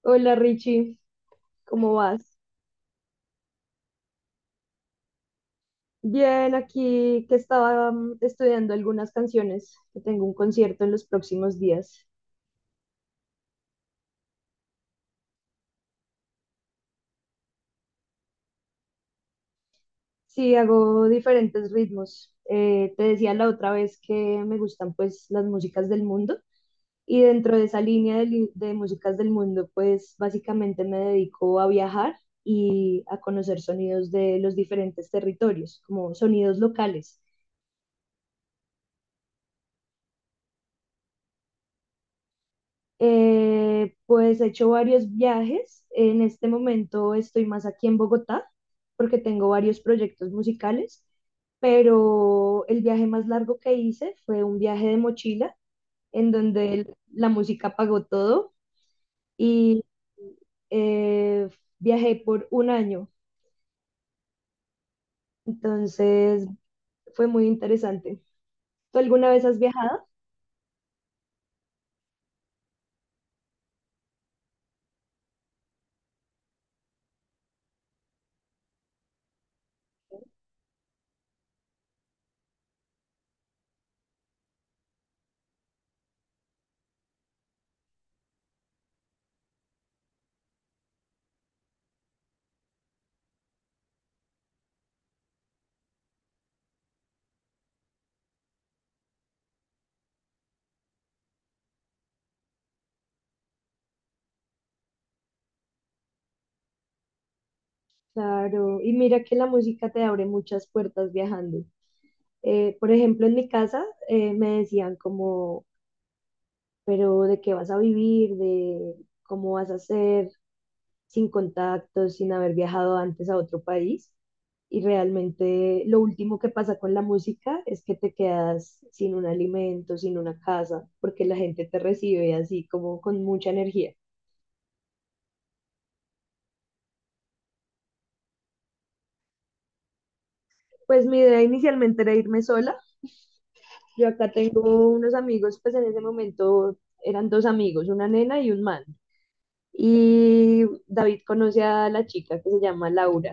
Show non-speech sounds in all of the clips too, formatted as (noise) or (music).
Hola Richie, ¿cómo vas? Bien, aquí que estaba estudiando algunas canciones, que tengo un concierto en los próximos días. Sí, hago diferentes ritmos. Te decía la otra vez que me gustan pues las músicas del mundo y dentro de esa línea de músicas del mundo, pues básicamente me dedico a viajar y a conocer sonidos de los diferentes territorios, como sonidos locales. Pues he hecho varios viajes. En este momento estoy más aquí en Bogotá porque tengo varios proyectos musicales, pero el viaje más largo que hice fue un viaje de mochila en donde la música pagó todo y eh, viajé por un año. Entonces fue muy interesante. ¿Tú alguna vez has viajado? Claro, y mira que la música te abre muchas puertas viajando. Por ejemplo, en mi casa me decían como, pero ¿de qué vas a vivir? ¿De cómo vas a hacer sin contactos, sin haber viajado antes a otro país? Y realmente lo último que pasa con la música es que te quedas sin un alimento, sin una casa, porque la gente te recibe así como con mucha energía. Pues mi idea inicialmente era irme sola. Yo acá tengo unos amigos, pues en ese momento eran dos amigos, una nena y un man. Y David conoce a la chica que se llama Laura.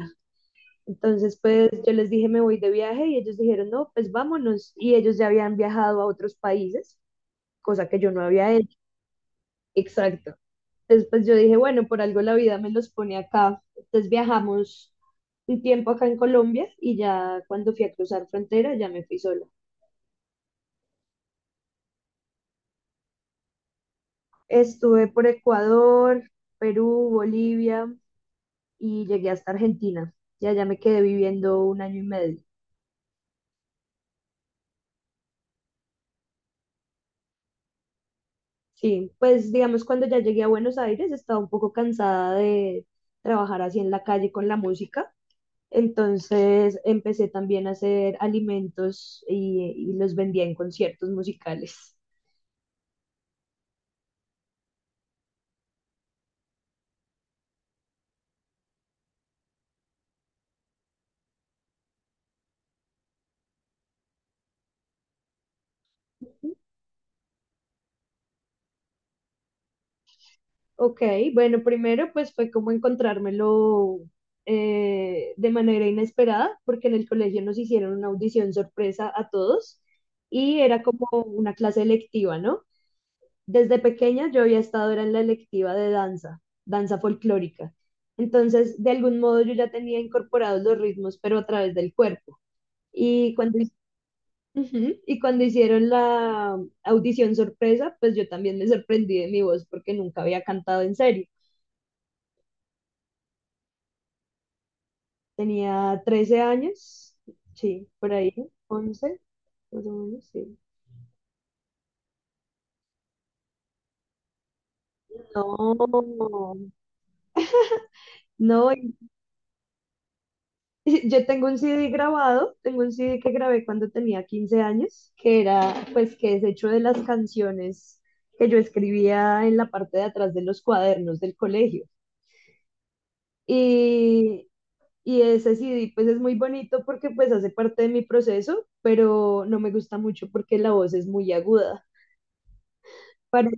Entonces, pues yo les dije, me voy de viaje y ellos dijeron, no, pues vámonos. Y ellos ya habían viajado a otros países, cosa que yo no había hecho. Exacto. Entonces, pues yo dije, bueno, por algo la vida me los pone acá. Entonces viajamos un tiempo acá en Colombia y ya cuando fui a cruzar frontera ya me fui sola. Estuve por Ecuador, Perú, Bolivia y llegué hasta Argentina. Ya allá me quedé viviendo un año y medio. Sí, pues digamos cuando ya llegué a Buenos Aires estaba un poco cansada de trabajar así en la calle con la música, entonces empecé también a hacer alimentos y, los vendía en conciertos musicales. Ok, bueno, primero pues fue como encontrármelo, de manera inesperada, porque en el colegio nos hicieron una audición sorpresa a todos y era como una clase electiva, ¿no? Desde pequeña yo había estado era en la electiva de danza, danza folclórica. Entonces, de algún modo yo ya tenía incorporados los ritmos, pero a través del cuerpo. Y cuando, hi- Ujú, y cuando hicieron la audición sorpresa, pues yo también me sorprendí de mi voz porque nunca había cantado en serio. Tenía 13 años, sí, por ahí, 11, más o menos, sí. No, no, (laughs) yo tengo un CD grabado, tengo un CD que grabé cuando tenía 15 años, que era, pues, que es hecho de las canciones que yo escribía en la parte de atrás de los cuadernos del colegio. Y, y ese CD, pues, es muy bonito porque, pues, hace parte de mi proceso, pero no me gusta mucho porque la voz es muy aguda. Parece,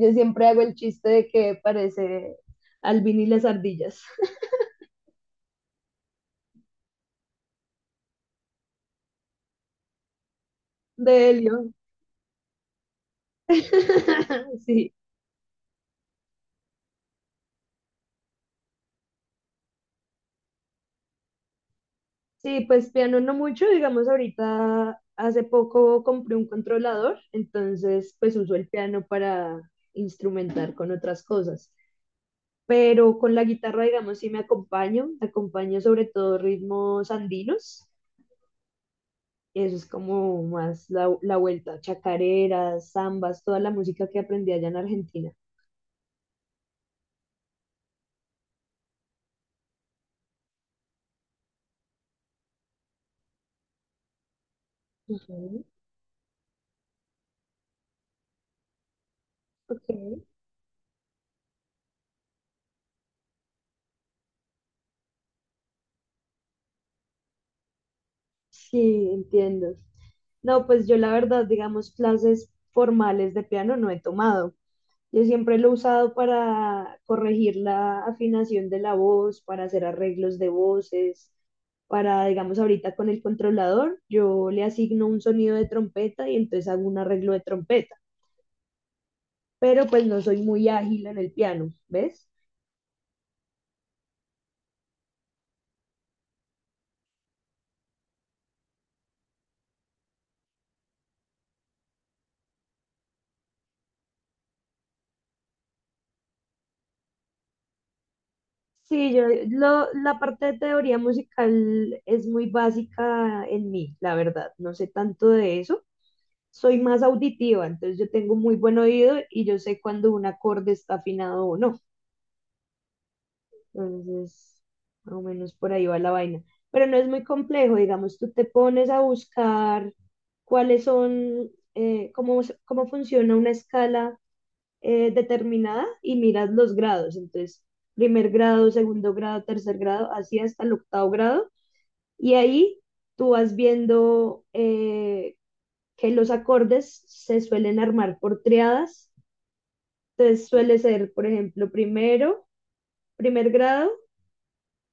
yo siempre hago el chiste de que parece Alvin y las ardillas (laughs) de helio. (laughs) Sí. Sí, pues piano no mucho, digamos ahorita hace poco compré un controlador, entonces pues uso el piano para instrumentar con otras cosas, pero con la guitarra digamos sí me acompaño, acompaño sobre todo ritmos andinos, eso es como más la vuelta, chacareras, zambas, toda la música que aprendí allá en Argentina. Ujú, ok. Sí, entiendo. No, pues yo la verdad, digamos, clases formales de piano no he tomado. Yo siempre lo he usado para corregir la afinación de la voz, para hacer arreglos de voces, para, digamos, ahorita con el controlador, yo le asigno un sonido de trompeta y entonces hago un arreglo de trompeta, pero pues no soy muy ágil en el piano, ¿ves? Sí, yo la parte de teoría musical es muy básica en mí, la verdad, no sé tanto de eso. Soy más auditiva, entonces yo tengo muy buen oído y yo sé cuando un acorde está afinado o no. Entonces, más o menos por ahí va la vaina. Pero no es muy complejo, digamos, tú te pones a buscar cuáles son, cómo, cómo funciona una escala determinada y miras los grados. Entonces, primer grado, segundo grado, tercer grado, así hasta el octavo grado. Y ahí tú vas viendo que los acordes se suelen armar por triadas. Entonces, suele ser, por ejemplo, primer grado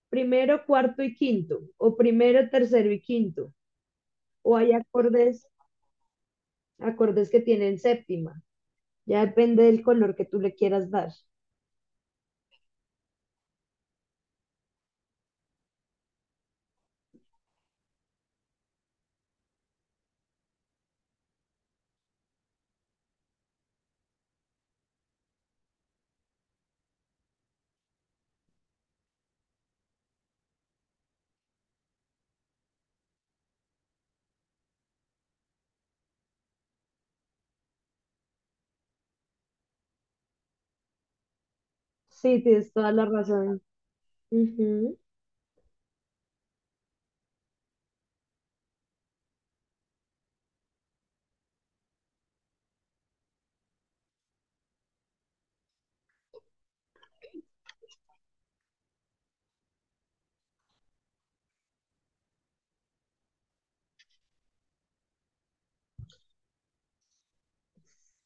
primero, cuarto y quinto, o primero, tercero y quinto, o hay acordes que tienen séptima, ya depende del color que tú le quieras dar. Sí, tienes toda la razón. Ujú,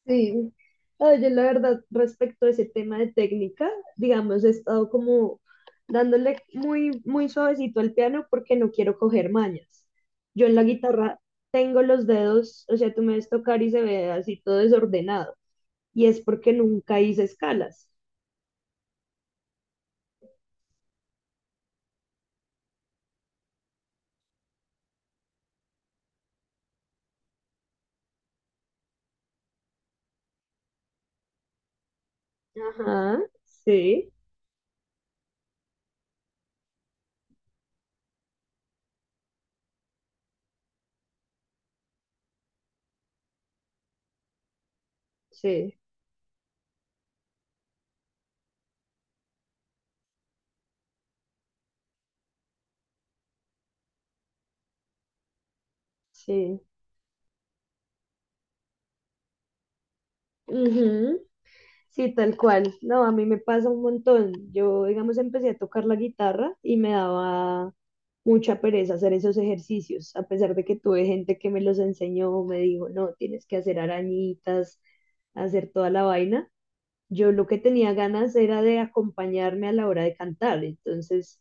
sí. Ah, yo la verdad, respecto a ese tema de técnica, digamos, he estado como dándole muy, muy suavecito al piano porque no quiero coger mañas. Yo en la guitarra tengo los dedos, o sea, tú me ves tocar y se ve así todo desordenado. Y es porque nunca hice escalas. Ajá, sí, sí, sí. Ujú, sí, tal cual. No, a mí me pasa un montón. Yo, digamos, empecé a tocar la guitarra y me daba mucha pereza hacer esos ejercicios, a pesar de que tuve gente que me los enseñó, me dijo, no, tienes que hacer arañitas, hacer toda la vaina. Yo lo que tenía ganas era de acompañarme a la hora de cantar. Entonces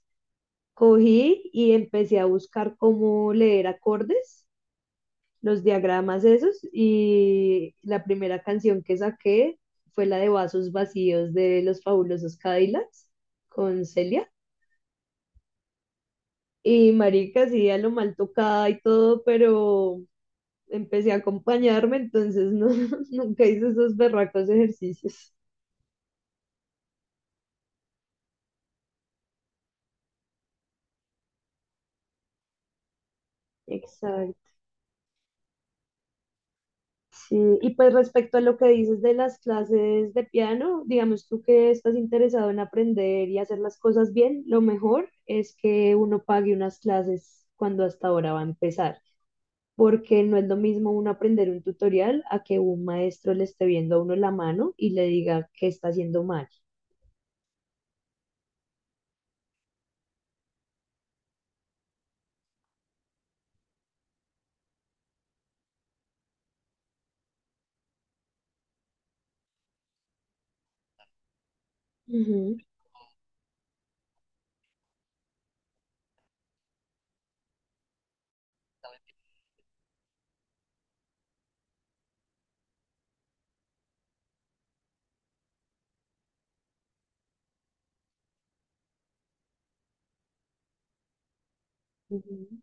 cogí y empecé a buscar cómo leer acordes, los diagramas esos, y la primera canción que saqué fue la de Vasos Vacíos de los Fabulosos Cadillacs con Celia. Y marica, sí, a lo mal tocada y todo, pero empecé a acompañarme, entonces no, (laughs) nunca hice esos berracos ejercicios. Exacto. Sí, y pues respecto a lo que dices de las clases de piano, digamos tú que estás interesado en aprender y hacer las cosas bien, lo mejor es que uno pague unas clases cuando hasta ahora va a empezar, porque no es lo mismo uno aprender un tutorial a que un maestro le esté viendo a uno la mano y le diga que está haciendo mal. Ujú, ujú.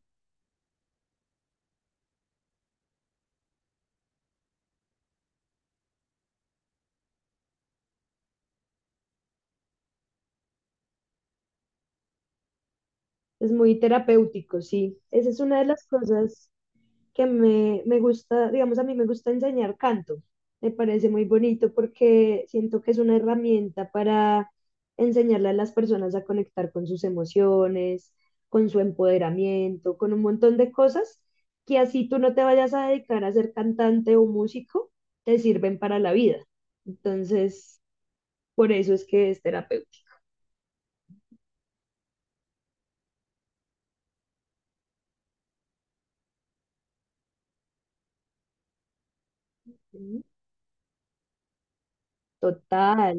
Es muy terapéutico, sí. Esa es una de las cosas que me gusta, digamos, a mí me gusta enseñar canto. Me parece muy bonito porque siento que es una herramienta para enseñarle a las personas a conectar con sus emociones, con su empoderamiento, con un montón de cosas que así tú no te vayas a dedicar a ser cantante o músico, te sirven para la vida. Entonces, por eso es que es terapéutico. ¿No? Total,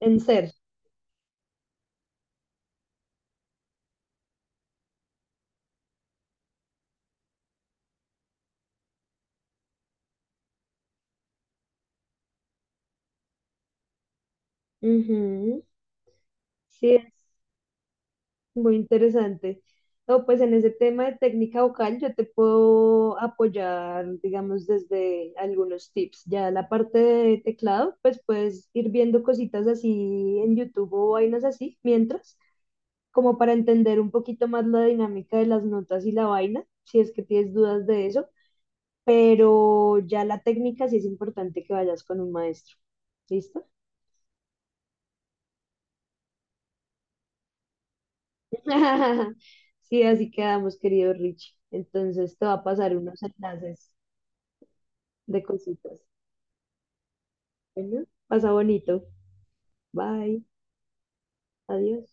en ser. Ujú, sí, muy interesante. No, pues en ese tema de técnica vocal yo te puedo apoyar, digamos, desde algunos tips. Ya la parte de teclado, pues puedes ir viendo cositas así en YouTube o vainas así, mientras, como para entender un poquito más la dinámica de las notas y la vaina, si es que tienes dudas de eso. Pero ya la técnica sí es importante que vayas con un maestro. ¿Listo? (laughs) Sí, así quedamos, querido Richie. Entonces te va a pasar unos enlaces de cositas. Bueno, pasa bonito. Bye. Adiós.